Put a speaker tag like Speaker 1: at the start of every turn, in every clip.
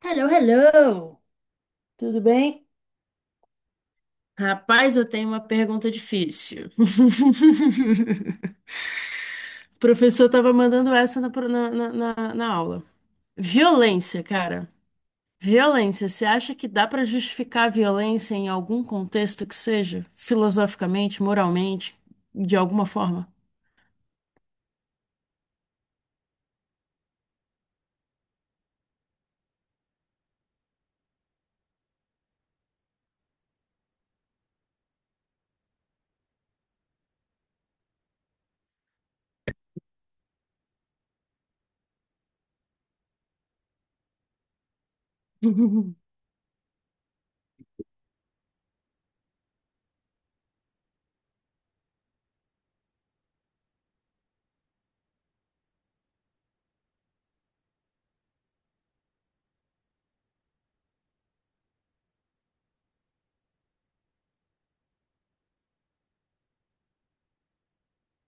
Speaker 1: Hello, hello! Tudo bem? Rapaz, eu tenho uma pergunta difícil. O professor estava mandando essa na, pro- na, na, na- na aula. Violência, cara. Violência. Você acha que dá para justificar a violência em algum contexto que seja? Filosoficamente, moralmente, de alguma forma?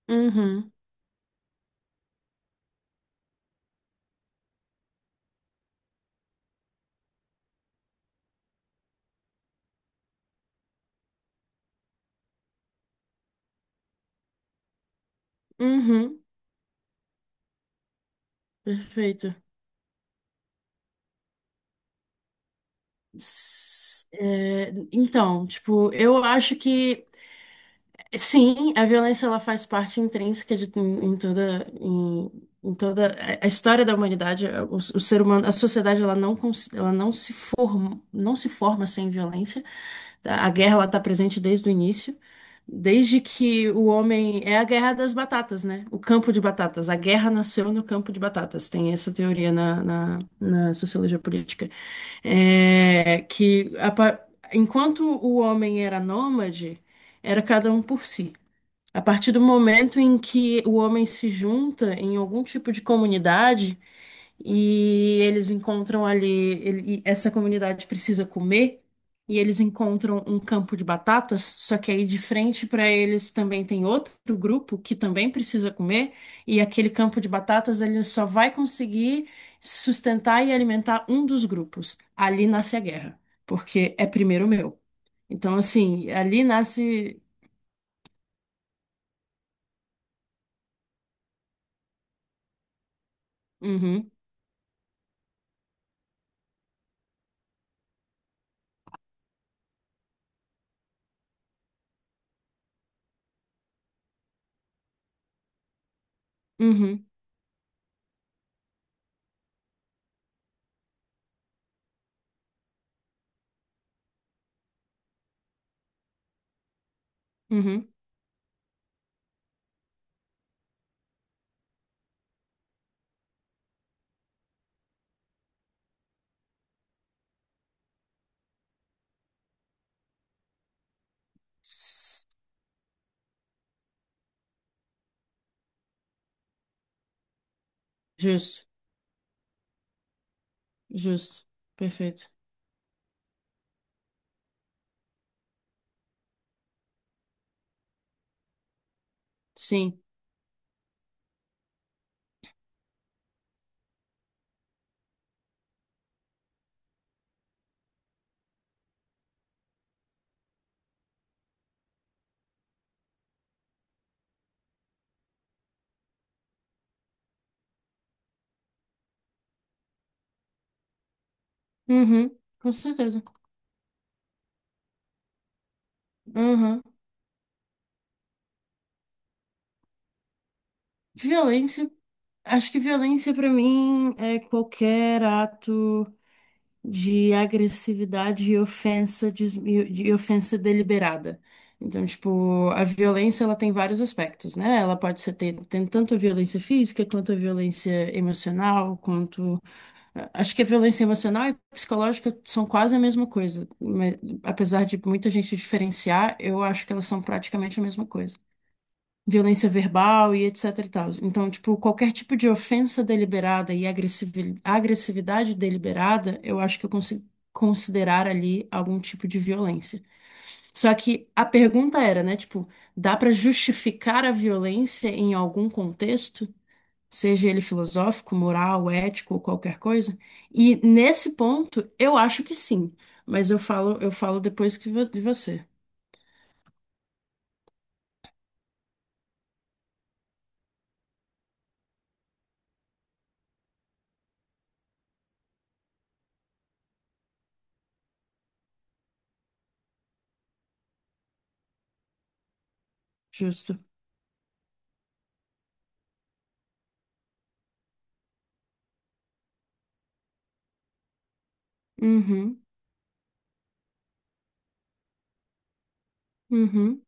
Speaker 1: Uhum, uhum, perfeito. Então, tipo, eu acho que. Sim, a violência ela faz parte intrínseca de toda a história da humanidade. O ser humano, a sociedade ela ela não se forma sem violência. A guerra ela está presente desde o início, desde que o homem é a guerra das batatas, né? O campo de batatas. A guerra nasceu no campo de batatas. Tem essa teoria na sociologia política, é, que a pa- enquanto o homem era nômade era cada um por si. A partir do momento em que o homem se junta em algum tipo de comunidade e eles encontram ali, e essa comunidade precisa comer, e eles encontram um campo de batatas, só que aí de frente para eles também tem outro grupo que também precisa comer, e aquele campo de batatas ele só vai conseguir sustentar e alimentar um dos grupos. Ali nasce a guerra, porque é primeiro o meu. Então, assim, ali nasce. Uhum, uhum, uhum. Justo, justo. Perfeito. Sim. Uhum, com certeza. Uhum. Violência. Acho que violência pra mim é qualquer ato de agressividade e ofensa, de ofensa deliberada. Então, tipo, a violência ela tem vários aspectos, né? Ela pode ser, tem tanto a violência física, quanto a violência emocional, quanto. Acho que a violência emocional e psicológica são quase a mesma coisa, mas apesar de muita gente diferenciar, eu acho que elas são praticamente a mesma coisa. Violência verbal e etc e tal. Então, tipo, qualquer tipo de ofensa deliberada e agressividade deliberada, eu acho que eu consigo considerar ali algum tipo de violência. Só que a pergunta era, né, tipo, dá pra justificar a violência em algum contexto, seja ele filosófico, moral, ético ou qualquer coisa? E nesse ponto, eu acho que sim, mas eu falo, eu falo depois de você. Justo. Uhum, uhum.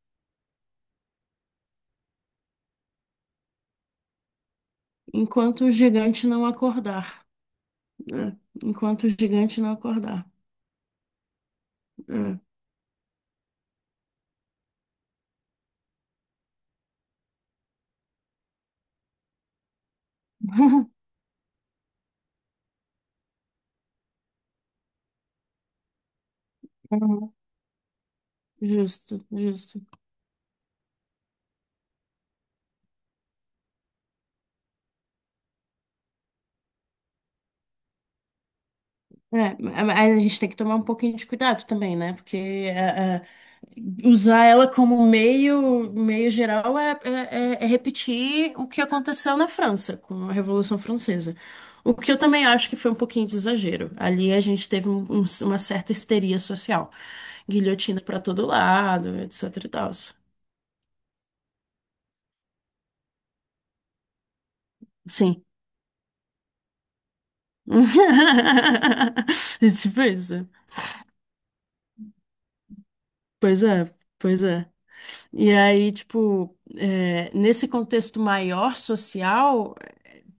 Speaker 1: Enquanto o gigante não acordar, né? Enquanto o gigante não acordar, né? Uhum. Justo, justo. É, mas a gente tem que tomar um pouquinho de cuidado também, né? Porque usar ela como meio, meio geral é repetir o que aconteceu na França, com a Revolução Francesa. O que eu também acho que foi um pouquinho de exagero. Ali a gente teve uma certa histeria social. Guilhotina pra todo lado, etc e tal. Sim. É. Tipo isso. Pois é, pois é. E aí, tipo, é, nesse contexto maior social,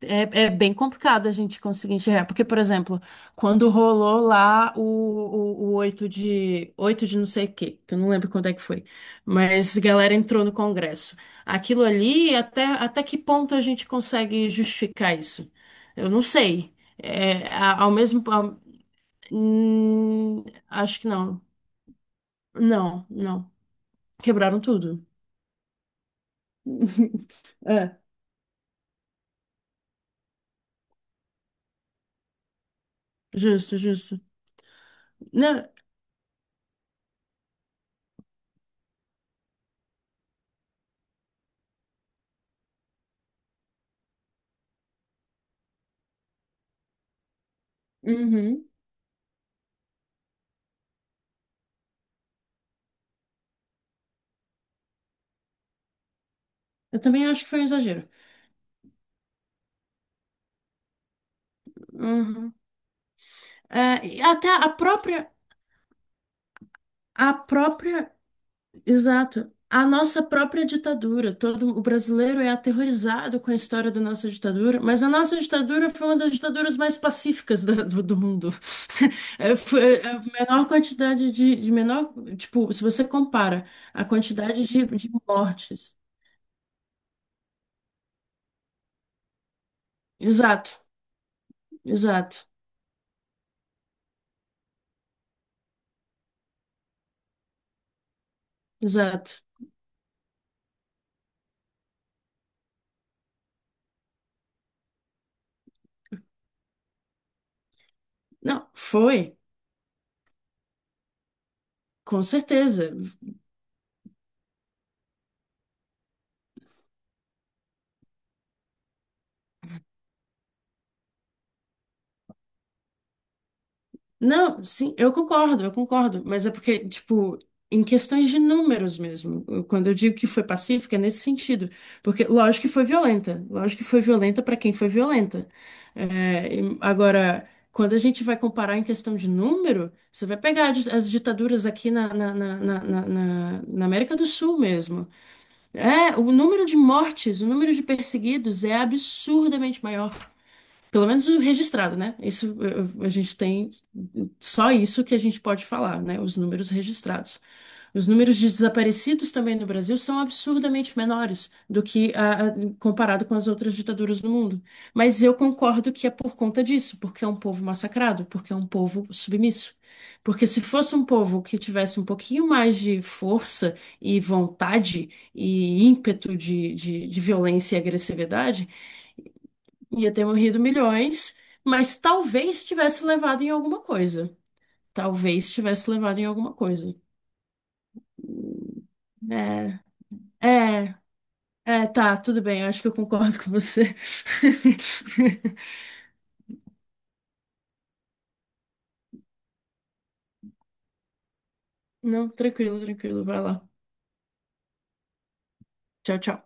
Speaker 1: é, é bem complicado a gente conseguir enxergar. Porque, por exemplo, quando rolou lá o 8 de não sei o quê, que eu não lembro quando é que foi, mas a galera entrou no Congresso. Aquilo ali, até, até que ponto a gente consegue justificar isso? Eu não sei. Hum, acho que não. Não, não. Quebraram tudo. É. Justo, justo. Não, uhum. Eu também acho que foi um exagero. Uhum. É, e até a própria, exato, a nossa própria ditadura. Todo o brasileiro é aterrorizado com a história da nossa ditadura, mas a nossa ditadura foi uma das ditaduras mais pacíficas do mundo. Foi a menor quantidade de menor, tipo, se você compara a quantidade de mortes. Exato, exato, exato. Não, foi. Com certeza. Não, sim, eu concordo, eu concordo. Mas é porque, tipo, em questões de números mesmo, quando eu digo que foi pacífica, é nesse sentido. Porque, lógico que foi violenta. Lógico que foi violenta para quem foi violenta. É, e agora, quando a gente vai comparar em questão de número, você vai pegar as ditaduras aqui na América do Sul mesmo. É, o número de mortes, o número de perseguidos é absurdamente maior. Pelo menos o registrado, né? Isso a gente tem só isso que a gente pode falar, né? Os números registrados. Os números de desaparecidos também no Brasil são absurdamente menores do que comparado com as outras ditaduras do mundo. Mas eu concordo que é por conta disso, porque é um povo massacrado, porque é um povo submisso. Porque se fosse um povo que tivesse um pouquinho mais de força e vontade e ímpeto de violência e agressividade, ia ter morrido milhões, mas talvez tivesse levado em alguma coisa. Talvez tivesse levado em alguma coisa. É, é, tá, tudo bem, eu acho que eu concordo com você. Não, tranquilo, tranquilo, vai lá. Tchau, tchau.